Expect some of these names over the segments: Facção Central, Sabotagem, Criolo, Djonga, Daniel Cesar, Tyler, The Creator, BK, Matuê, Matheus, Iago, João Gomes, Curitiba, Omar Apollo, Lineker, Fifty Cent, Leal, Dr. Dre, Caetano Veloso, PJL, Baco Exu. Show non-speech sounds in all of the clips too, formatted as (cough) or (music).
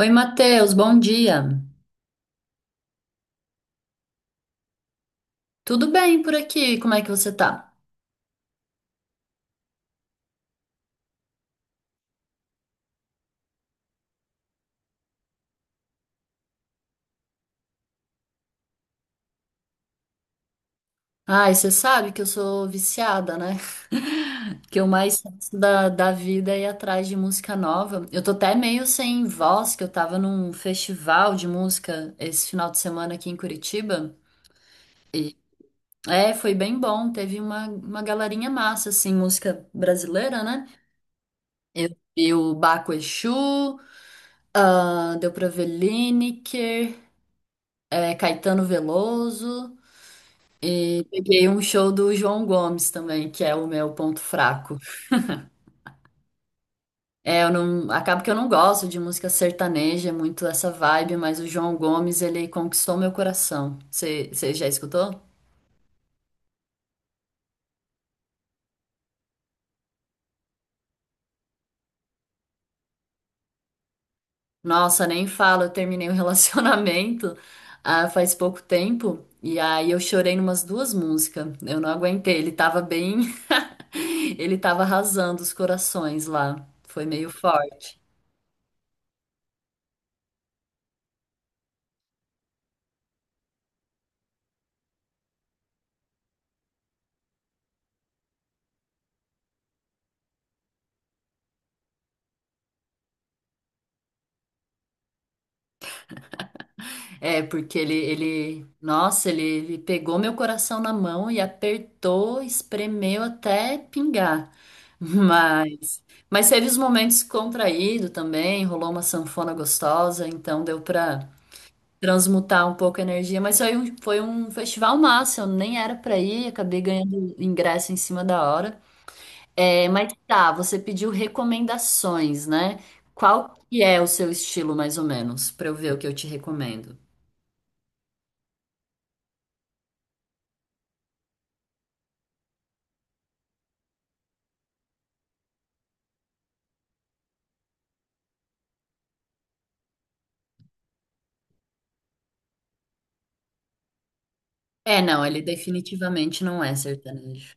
Oi, Matheus, bom dia. Tudo bem por aqui? Como é que você tá? Ai, você sabe que eu sou viciada, né? (laughs) Que eu mais faço da vida é ir atrás de música nova. Eu tô até meio sem voz, que eu tava num festival de música esse final de semana aqui em Curitiba. E é, foi bem bom. Teve uma galerinha massa, assim, música brasileira, né? E o Baco Exu, ah, deu pra ver Lineker, é, Caetano Veloso. E peguei um show do João Gomes também, que é o meu ponto fraco. É, eu não, acabo que eu não gosto de música sertaneja, é muito essa vibe, mas o João Gomes, ele conquistou meu coração. Você já escutou? Nossa, nem falo, eu terminei um (laughs) relacionamento ah, faz pouco tempo, e aí eu chorei numas duas músicas. Eu não aguentei, ele tava bem. (laughs) Ele tava arrasando os corações lá. Foi meio forte. É, porque nossa, ele pegou meu coração na mão e apertou, espremeu até pingar. (laughs) Mas, mas teve os momentos contraído também, rolou uma sanfona gostosa, então deu pra transmutar um pouco a energia. Mas foi um festival massa, eu nem era pra ir, acabei ganhando ingresso em cima da hora. É, mas tá, você pediu recomendações, né? Qual que é o seu estilo, mais ou menos, pra eu ver o que eu te recomendo? É, não, ele definitivamente não é sertanejo.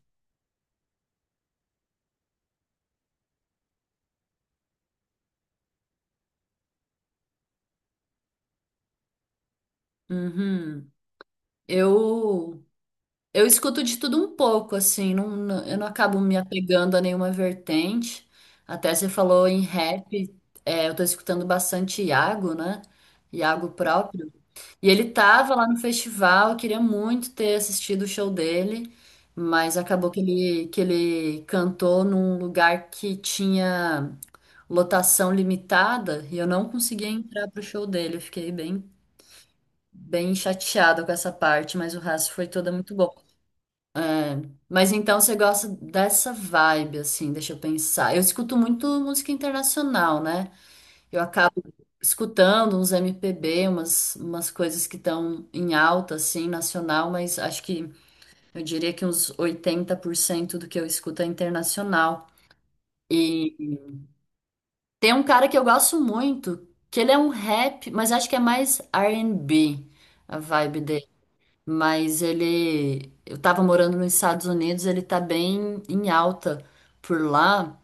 Uhum. Eu eu escuto de tudo um pouco, assim, eu não acabo me apegando a nenhuma vertente. Até você falou em rap, é, eu tô escutando bastante Iago, né? Iago próprio. E ele tava lá no festival, eu queria muito ter assistido o show dele, mas acabou que ele cantou num lugar que tinha lotação limitada e eu não conseguia entrar pro show dele. Eu fiquei bem, bem chateada com essa parte, mas o resto foi toda muito bom. Mas então você gosta dessa vibe, assim, deixa eu pensar. Eu escuto muito música internacional, né? Eu acabo escutando uns MPB, umas coisas que estão em alta, assim, nacional, mas acho que eu diria que uns 80% do que eu escuto é internacional. E tem um cara que eu gosto muito, que ele é um rap, mas acho que é mais R&B a vibe dele. Mas ele, eu tava morando nos Estados Unidos, ele tá bem em alta por lá.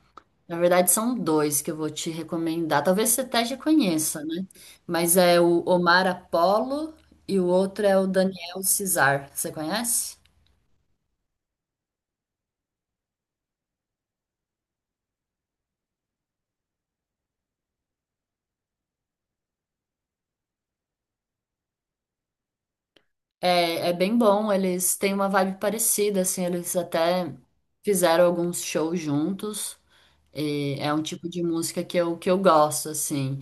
Na verdade, são dois que eu vou te recomendar. Talvez você até já conheça, né? Mas é o Omar Apollo e o outro é o Daniel Cesar. Você conhece? É, é bem bom, eles têm uma vibe parecida, assim, eles até fizeram alguns shows juntos. E é um tipo de música que eu gosto, assim.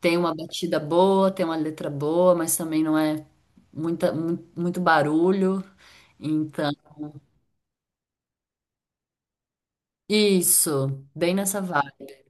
Tem uma batida boa, tem uma letra boa, mas também não é muito barulho. Então, isso, bem nessa vibe.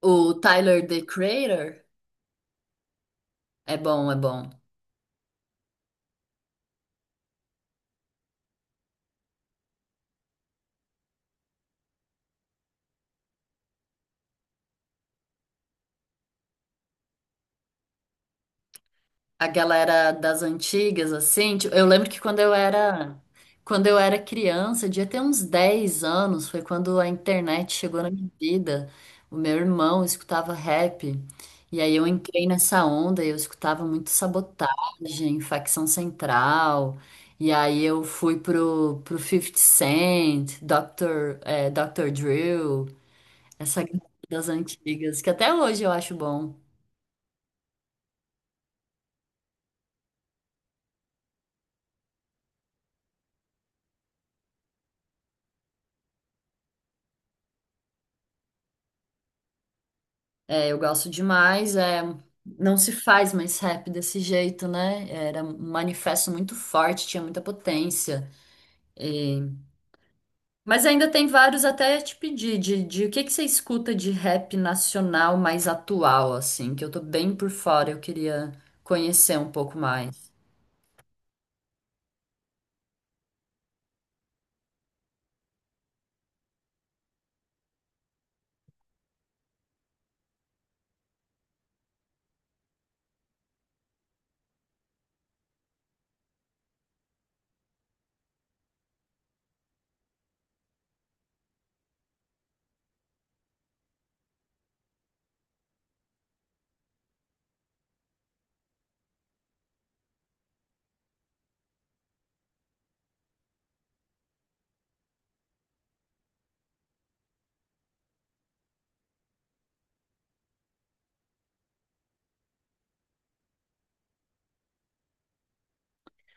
O Tyler, The Creator é bom, é bom. A galera das antigas, assim, tipo, eu lembro que quando eu era criança, devia ter uns 10 anos, foi quando a internet chegou na minha vida. O meu irmão escutava rap, e aí eu entrei nessa onda, e eu escutava muito Sabotagem, Facção Central, e aí eu fui pro fifty Cent, Dr. Drill, essa galera das antigas, que até hoje eu acho bom. É, eu gosto demais. É, não se faz mais rap desse jeito, né? Era um manifesto muito forte, tinha muita potência. E mas ainda tem vários até te pedir de o que que você escuta de rap nacional mais atual, assim, que eu tô bem por fora, eu queria conhecer um pouco mais.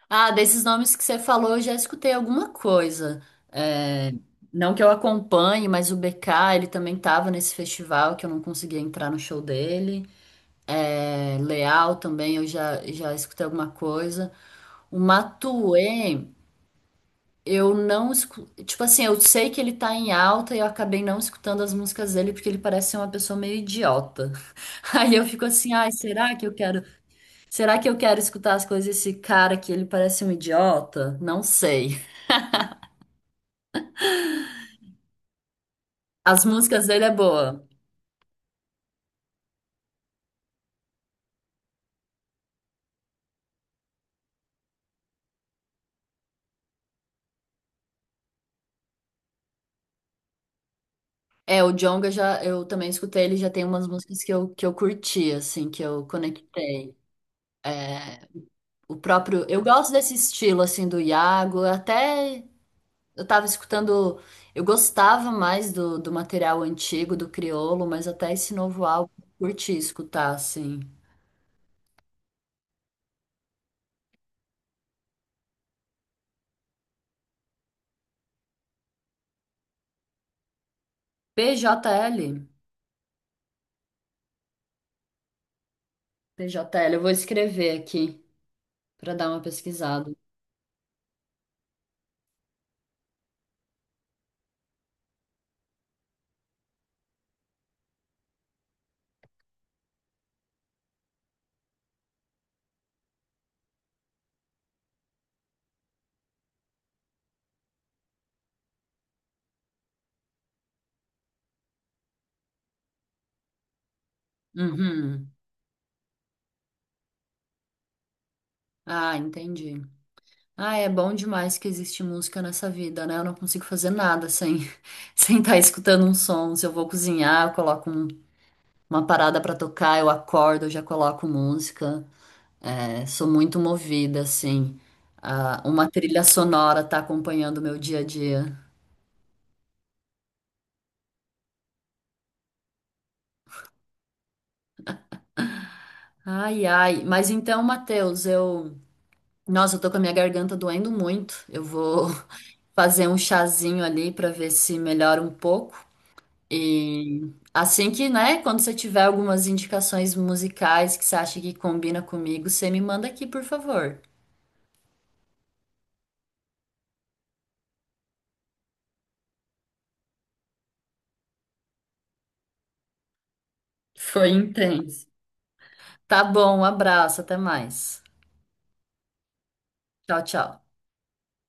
Ah, desses nomes que você falou, eu já escutei alguma coisa. É, não que eu acompanhe, mas o BK, ele também tava nesse festival que eu não conseguia entrar no show dele. É, Leal também eu já escutei alguma coisa. O Matuê, eu não escu... Tipo assim, eu sei que ele tá em alta e eu acabei não escutando as músicas dele porque ele parece ser uma pessoa meio idiota. (laughs) Aí eu fico assim, ai, será que eu quero escutar as coisas desse cara que ele parece um idiota? Não sei. As músicas dele é boa. É, o Djonga já, eu também escutei, ele já tem umas músicas que eu curti, assim, que eu conectei. O próprio. Eu gosto desse estilo, assim, do Iago. Até eu tava escutando. Eu gostava mais do material antigo, do Criolo, mas até esse novo álbum eu curti escutar, assim. P J L PJL? PJL, eu vou escrever aqui pra dar uma pesquisada. Uhum. Ah, entendi. Ah, é bom demais que existe música nessa vida, né? Eu não consigo fazer nada sem (laughs) sem estar escutando um som. Se eu vou cozinhar, eu coloco uma parada pra tocar, eu acordo, eu já coloco música. É, sou muito movida, assim. Ah, uma trilha sonora tá acompanhando o meu dia a dia. Ai, ai. Mas então, Matheus, eu. Nossa, eu tô com a minha garganta doendo muito. Eu vou (laughs) fazer um chazinho ali pra ver se melhora um pouco. E assim que, né, quando você tiver algumas indicações musicais que você acha que combina comigo, você me manda aqui, por favor. Foi intenso. Tá bom, um abraço, até mais. Tchau, tchau.